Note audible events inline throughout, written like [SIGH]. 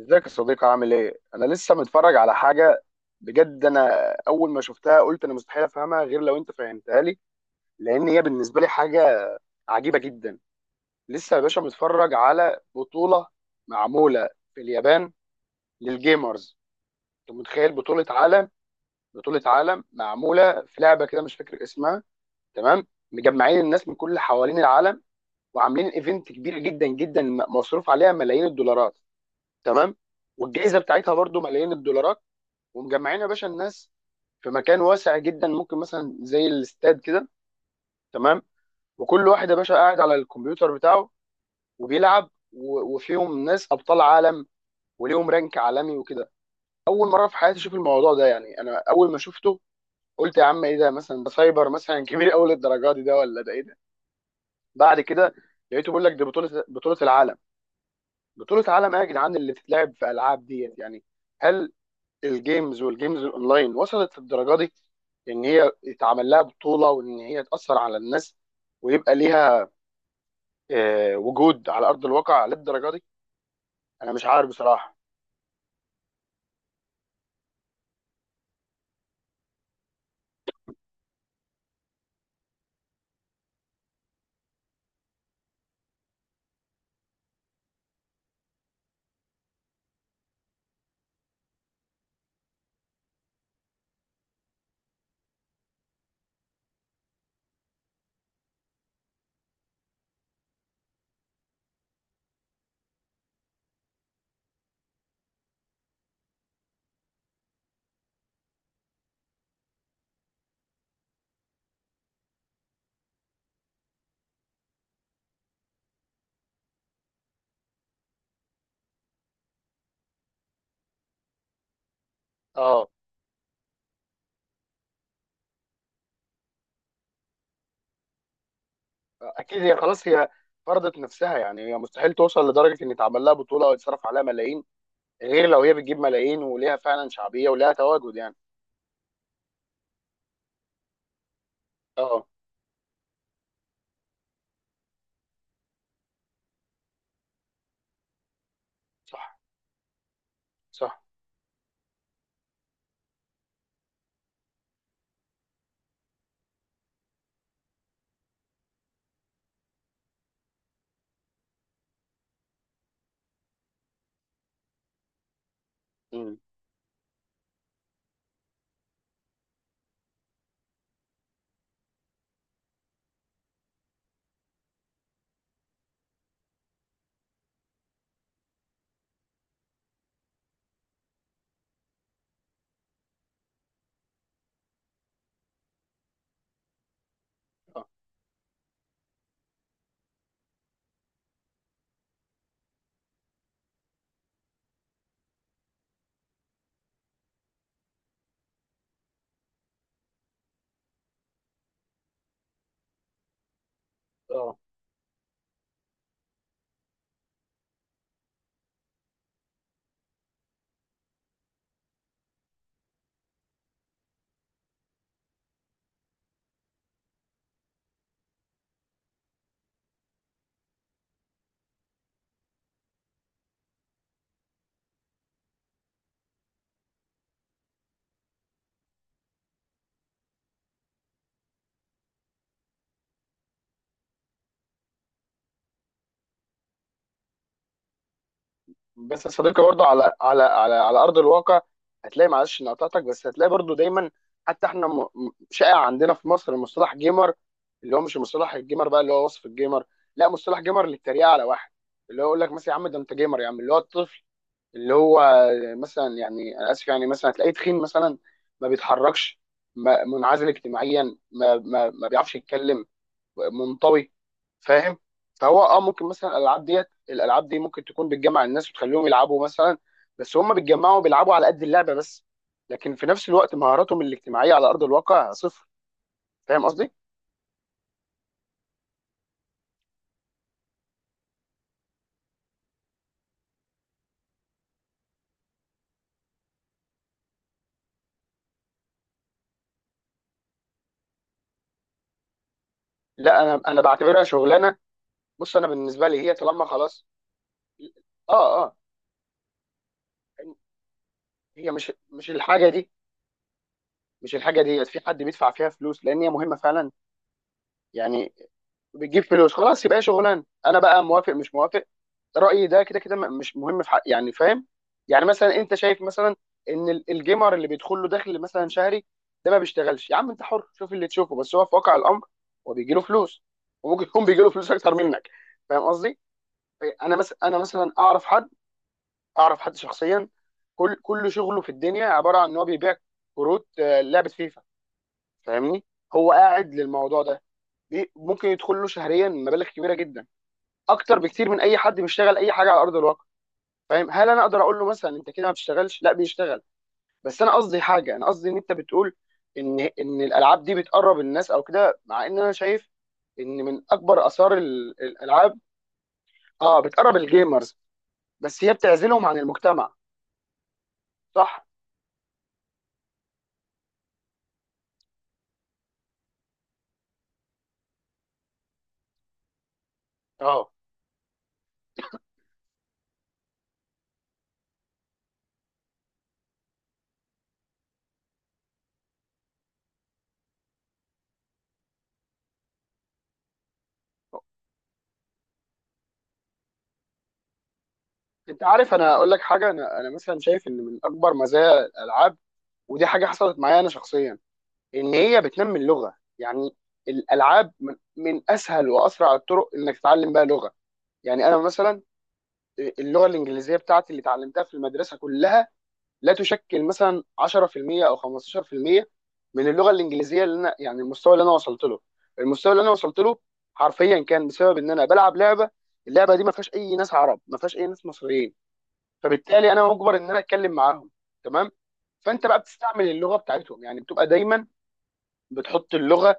ازيك يا صديقي عامل ايه؟ انا لسه متفرج على حاجه بجد. اول ما شفتها قلت مستحيل افهمها غير لو انت فهمتها لي، لان هي بالنسبه لي حاجه عجيبه جدا. لسه يا باشا متفرج على بطوله معموله في اليابان للجيمرز. انت متخيل بطوله عالم؟ بطوله عالم معموله في لعبه كده مش فاكر اسمها، تمام؟ مجمعين الناس من كل حوالين العالم وعاملين ايفنت كبير جدا جدا، مصروف عليها ملايين الدولارات، تمام؟ والجائزه بتاعتها برضو ملايين الدولارات، ومجمعين يا باشا الناس في مكان واسع جدا، ممكن مثلا زي الاستاد كده، تمام؟ وكل واحد يا باشا قاعد على الكمبيوتر بتاعه وبيلعب، و- وفيهم ناس ابطال عالم وليهم رانك عالمي وكده. اول مره في حياتي اشوف الموضوع ده، يعني انا اول ما شفته قلت يا عم ايه ده، مثلا ده سايبر مثلا [LAUGHS] كبير قوي للدرجه دي، ده ولا ده ايه ده؟ بعد كده لقيته بيقول لك دي بطوله، بطوله العالم. بطوله عالم ايه يا جدعان اللي بتتلعب في العاب ديت يعني؟ هل الجيمز والجيمز الاونلاين وصلت للدرجه دي، ان هي يتعمل لها بطوله، وان هي تاثر على الناس، ويبقى ليها وجود على ارض الواقع للدرجه دي؟ انا مش عارف بصراحه. اه، اكيد هي خلاص، فرضت نفسها. يعني هي مستحيل توصل لدرجه ان يتعمل لها بطوله او يتصرف عليها ملايين غير لو هي بتجيب ملايين وليها فعلا شعبيه وليها تواجد يعني. اه. صح. صح. امم. اه. اه. بس يا صديقي برضه على ارض الواقع هتلاقي، معلش اني قطعتك، بس هتلاقي برضه دايما، حتى احنا شائع عندنا في مصر مصطلح جيمر، اللي هو مش مصطلح الجيمر بقى اللي هو وصف الجيمر، لا، مصطلح جيمر للتريقه على واحد، اللي هو يقول لك مثلا يا عم ده انت جيمر يا عم. اللي هو الطفل اللي هو مثلا، يعني انا اسف، يعني مثلا هتلاقيه تخين مثلا، ما بيتحركش، ما منعزل اجتماعيا، ما بيعرفش يتكلم، منطوي، فاهم؟ فهو اه ممكن مثلا الالعاب دي ممكن تكون بتجمع الناس وتخليهم يلعبوا مثلا، بس هم بيتجمعوا بيلعبوا على قد اللعبه بس. لكن في نفس الوقت مهاراتهم الاجتماعيه على ارض الواقع صفر. فاهم قصدي؟ لا، انا بعتبرها شغلانه. بص، انا بالنسبه لي هي طالما خلاص. اه. اه. هي مش الحاجه دي، مش الحاجه ديت في حد بيدفع فيها فلوس لان هي مهمه فعلا يعني. بتجيب فلوس، خلاص يبقى هي شغلانه، انا بقى موافق مش موافق رايي ده كده كده مش مهم في حق، يعني فاهم؟ يعني مثلا انت شايف مثلا ان الجيمر اللي بيدخل له دخل مثلا شهري، ده ما بيشتغلش. يا عم انت حر شوف اللي تشوفه، بس هو في واقع الامر هو بيجي له فلوس، وممكن يكون بيجي له فلوس اكتر منك. فاهم قصدي؟ انا مثلا، اعرف حد شخصيا، كل كل شغله في الدنيا عباره عن ان هو بيبيع كروت لعبه فيفا، فاهمني؟ هو قاعد للموضوع ده، ممكن يدخل له شهريا مبالغ كبيره جدا، اكتر بكتير من اي حد بيشتغل اي حاجه على ارض الواقع. فاهم؟ هل انا اقدر اقول له مثلا انت كده ما بتشتغلش؟ لا، بيشتغل. بس انا قصدي حاجه، انا قصدي ان انت بتقول ان الالعاب دي بتقرب الناس او كده، مع ان انا شايف ان من اكبر اثار الالعاب. اه بتقرب الجيمرز، بس هي بتعزلهم عن المجتمع. صح. اه، انت عارف، انا اقول لك حاجه: انا مثلا شايف ان من اكبر مزايا الالعاب، ودي حاجه حصلت معايا انا شخصيا، ان هي بتنمي اللغه يعني. الالعاب من من اسهل واسرع الطرق انك تتعلم بيها لغه. يعني انا مثلا اللغه الانجليزيه بتاعتي اللي اتعلمتها في المدرسه كلها لا تشكل مثلا 10% او 15% من اللغه الانجليزيه اللي انا، يعني المستوى اللي انا وصلت له، المستوى اللي انا وصلت له حرفيا كان بسبب ان انا بلعب لعبه. اللعبه دي ما فيهاش اي ناس عرب، ما فيهاش اي ناس مصريين، فبالتالي انا مجبر ان انا اتكلم معاهم، تمام؟ فانت بقى بتستعمل اللغه بتاعتهم، يعني بتبقى دايما بتحط اللغه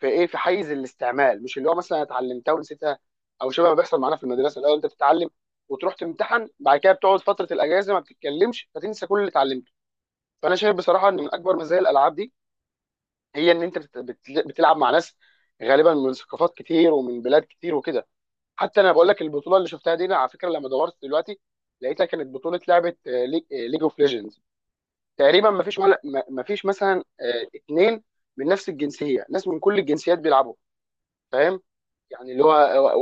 في ايه، في حيز الاستعمال، مش اللي هو مثلا اتعلمتها ونسيتها، او شبه ما بيحصل معانا في المدرسه: الاول انت بتتعلم وتروح تمتحن، بعد كده بتقعد فتره الاجازه ما بتتكلمش فتنسى كل اللي اتعلمته. فانا شايف بصراحه ان من اكبر مزايا الالعاب دي هي ان انت بتلعب مع ناس غالبا من ثقافات كتير ومن بلاد كتير وكده. حتى انا بقول لك البطوله اللي شفتها دي، انا على فكره لما دورت دلوقتي لقيتها كانت بطوله لعبه ليج اوف ليجندز، تقريبا ما فيش ولا، ما فيش مثلا 2 من نفس الجنسيه، ناس من كل الجنسيات بيلعبوا، فاهم؟ يعني اللي هو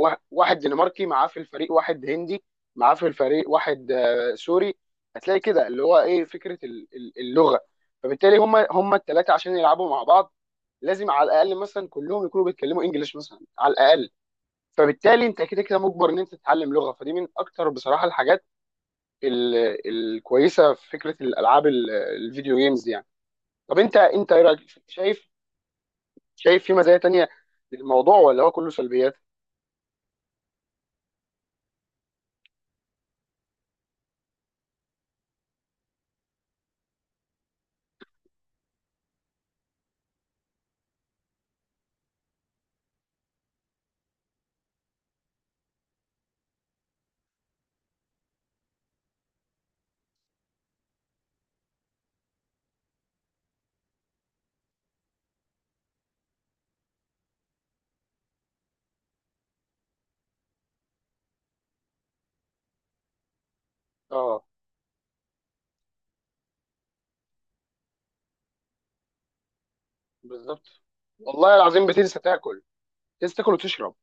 واحد دنماركي معاه في الفريق، واحد هندي معاه في الفريق، واحد سوري، هتلاقي كده اللي هو ايه، فكره اللغه. فبالتالي هم الثلاثه عشان يلعبوا مع بعض لازم على الاقل مثلا كلهم يكونوا بيتكلموا انجليش مثلا على الاقل. فبالتالي انت كده كده مجبر ان انت تتعلم لغه، فدي من اكتر بصراحه الحاجات الكويسه في فكره الالعاب الفيديو جيمز يعني. طب انت ايه رايك؟ شايف شايف في مزايا تانية للموضوع ولا هو كله سلبيات؟ اه. بالظبط. والله العظيم بتنسى تاكل، تنسى تاكل وتشرب.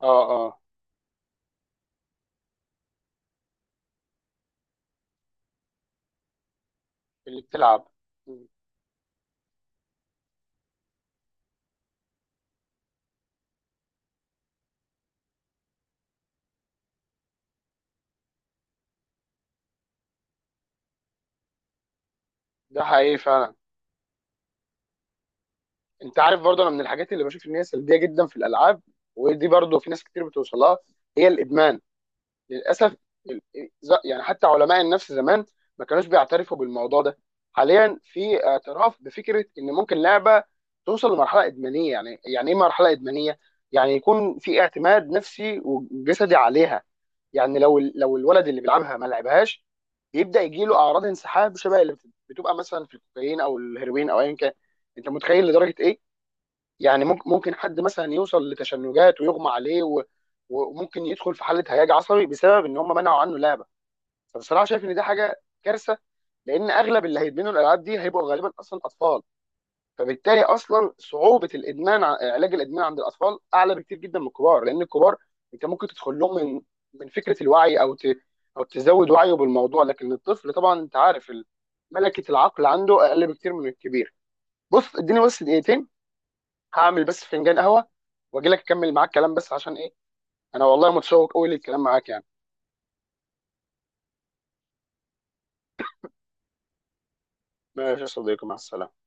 اه. اه. اللي بتلعب. ده حقيقي فعلا. انت عارف برضه، انا من الحاجات اللي بشوف ان هي سلبيه جدا في الالعاب، ودي برضه في ناس كتير بتوصلها، هي الادمان للاسف. ال- يعني حتى علماء النفس زمان ما كانوش بيعترفوا بالموضوع ده، حاليا في اعتراف بفكره ان ممكن لعبه توصل لمرحله ادمانيه. يعني يعني ايه مرحله ادمانيه؟ يعني يكون في اعتماد نفسي وجسدي عليها. يعني لو لو الولد اللي بيلعبها ما لعبهاش بيبدا يجي له اعراض انسحاب شبه اللي بتبقى مثلا في الكوكايين او الهيروين او ايا كان. انت متخيل لدرجه ايه؟ يعني ممكن حد مثلا يوصل لتشنجات ويغمى عليه وممكن يدخل في حاله هياج عصبي بسبب ان هم منعوا عنه لعبه. فبصراحه شايف ان دي حاجه كارثه، لان اغلب اللي هيدمنوا الالعاب دي هيبقوا غالبا اصلا اطفال، فبالتالي اصلا صعوبه الادمان علاج الادمان عند الاطفال اعلى بكتير جدا من الكبار، لان الكبار انت ممكن تدخل لهم من من فكره الوعي، او او تزود وعيه بالموضوع، لكن الطفل طبعا انت عارف ملكه العقل عنده اقل بكتير من الكبير. بص اديني بس دقيقتين، هعمل بس فنجان قهوه واجي لك اكمل معاك كلام، بس عشان ايه، انا والله متشوق قوي للكلام معاك يعني. ماشي يا صديقي، مع السلامه.